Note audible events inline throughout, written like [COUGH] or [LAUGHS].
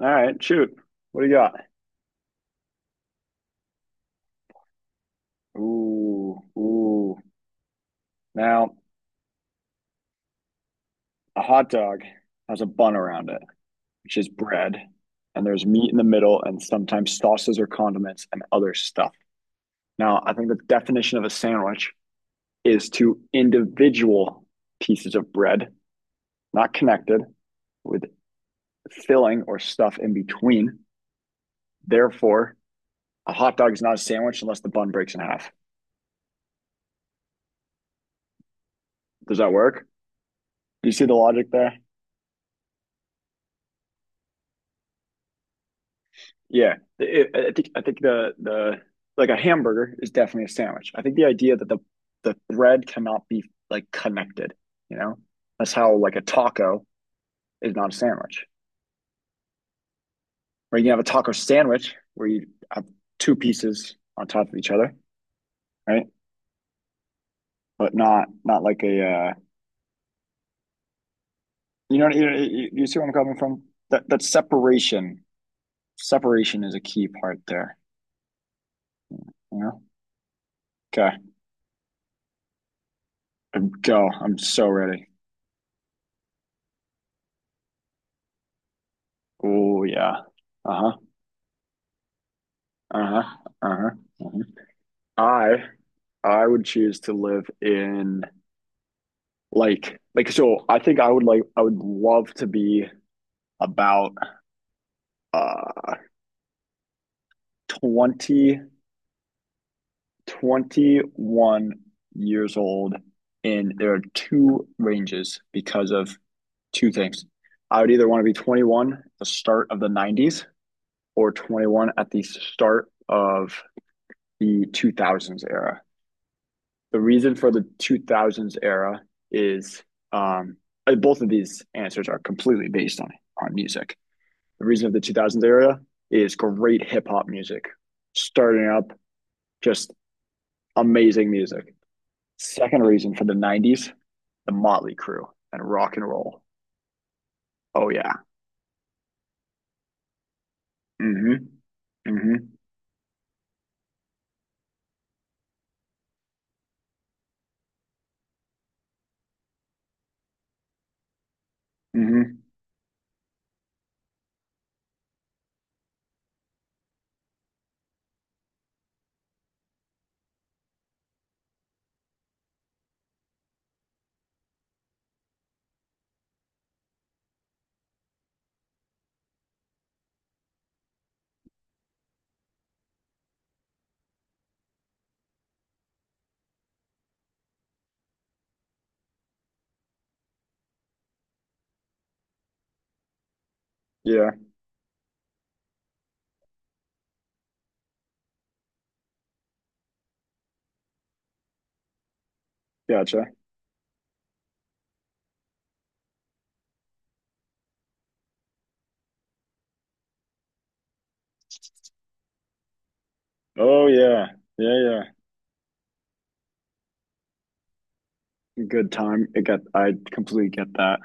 All right, shoot. What do you got? Ooh, ooh. Now, a hot dog has a bun around it, which is bread, and there's meat in the middle and sometimes sauces or condiments and other stuff. Now, I think the definition of a sandwich is two individual pieces of bread, not connected, with filling or stuff in between. Therefore, a hot dog is not a sandwich unless the bun breaks in half. Does that work? Do you see the logic there? Yeah, I think I think the like a hamburger is definitely a sandwich. I think the idea that the bread cannot be like connected, you know, that's how like a taco is not a sandwich. Or you can have a taco sandwich where you have two pieces on top of each other, right? But not like a you see where I'm coming from? That separation is a key part there. You know? Okay, go. I'm so ready. Oh yeah. Uh huh. Uh-huh. Uh-huh. Uh-huh. I I would choose to live in so I think I would love to be about uh 20, 21 years old, and there are two ranges because of two things. I would either want to be 21 at the start of the 90s or 21 at the start of the 2000s era. The reason for the 2000s era is um, both of these answers are completely based on music. The reason of the 2000s era is great hip hop music, starting up just amazing music. Second reason for the 90s, the Motley Crew and rock and roll. Oh yeah. Mhm. Mhm. Mhm. Yeah. Gotcha. Oh yeah. Yeah, yeah. Good time. It got. I completely get that.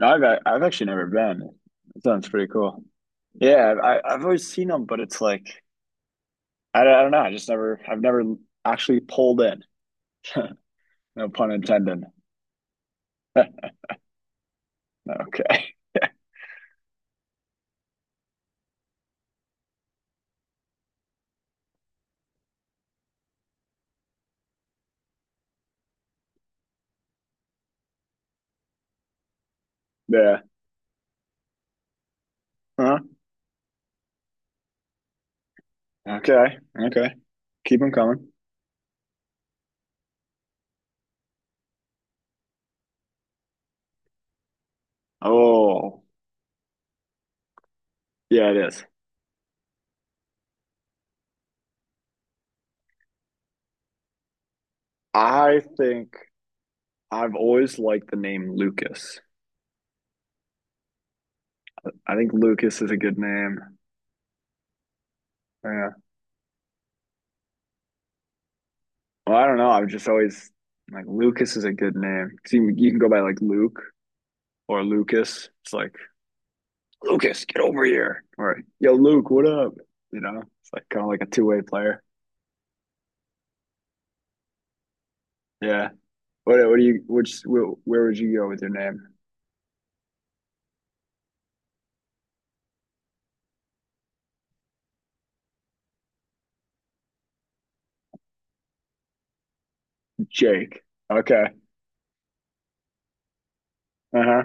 I've actually never been. It sounds pretty cool. Yeah, I've always seen them, but it's like I don't know. I've never actually pulled in. [LAUGHS] No pun intended. [LAUGHS] Okay. Yeah. Huh? Okay. Okay. Keep them coming. Oh, yeah, it is. I think I've always liked the name Lucas. I think Lucas is a good name. Yeah. Well, I don't know. I've just always like Lucas is a good name. See, you can go by like Luke or Lucas. It's like Lucas, get over here. Or, yo, Luke, what up? You know, it's like kind of like a two-way player. Yeah. What do you, which, where would you go with your name? Jake. Okay. Uh huh.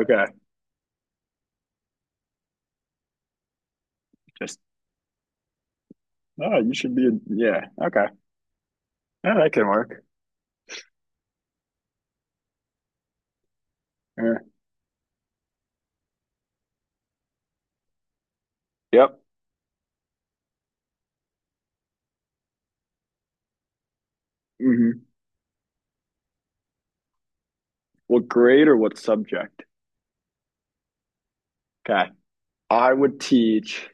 Okay. Just, oh, you should be, a, yeah. Okay. Yeah, that can work. Yeah. Yep. Hmm. What grade or what subject? Okay. I would teach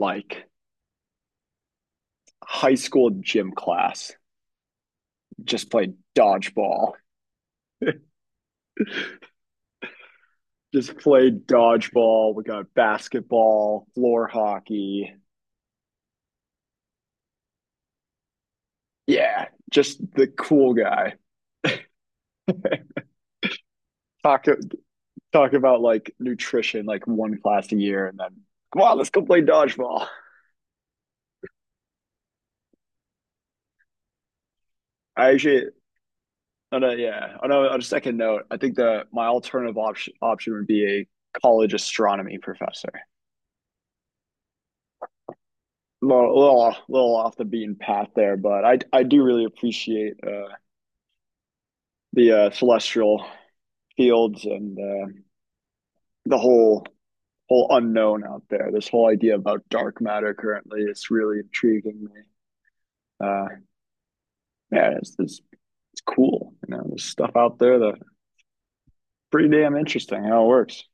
like high school gym class, just play dodgeball, just play dodgeball. We got basketball, floor hockey. Yeah, just the cool guy. Talk talk about like nutrition, like one class a year, and then come on, let's go play dodgeball. I actually, on a, yeah, on a second note, I think the my alternative option would be a college astronomy professor. A little off the beaten path there, but I do really appreciate the celestial fields and the whole unknown out there. This whole idea about dark matter currently is really intriguing me. Uh, yeah, it's cool. You know, there's stuff out there that pretty damn interesting how it works.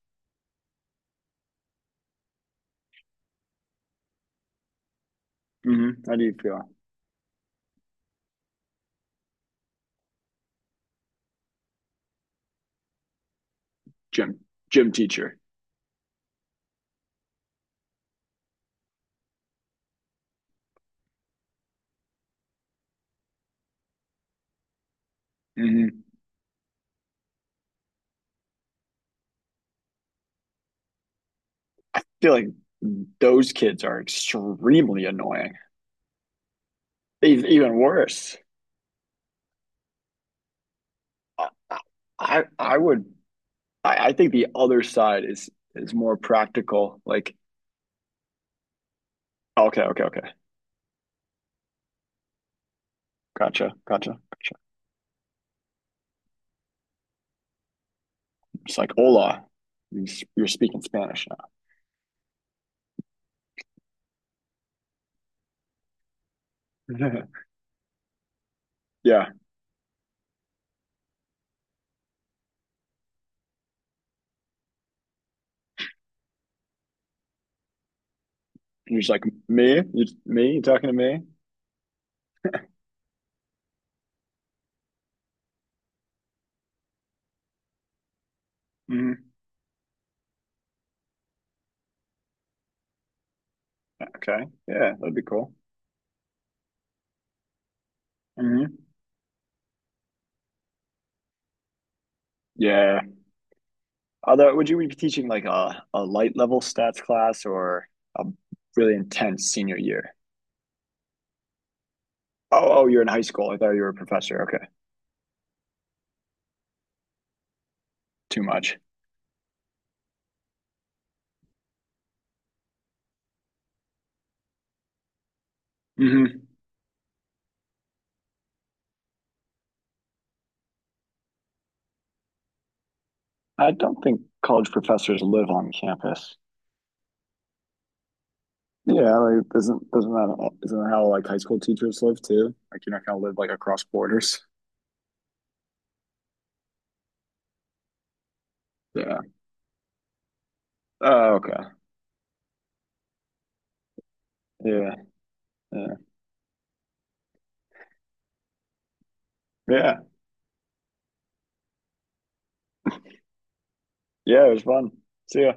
Mm-hmm. How do you feel, gym gym teacher? Mm-hmm. I feel like those kids are extremely annoying. Even worse. I I would I think the other side is more practical. Like okay, okay, okay, gotcha, gotcha, gotcha. It's like hola. You are speaking Spanish now. [LAUGHS] Yeah. And you're just like me, you talking to me? Hmm. Okay. Yeah, that'd be cool. Hmm. Yeah. Although, would you be teaching like a light level stats class or a really intense senior year? Oh, oh, you're in high school. I thought you were a professor. Okay. Too much. Hmm. I don't think college professors live on campus. Yeah, like isn't that how like high school teachers live too? Like you're not gonna live like across borders. Yeah. Oh, okay. Yeah. Yeah. Yeah. Yeah, it was fun. See ya.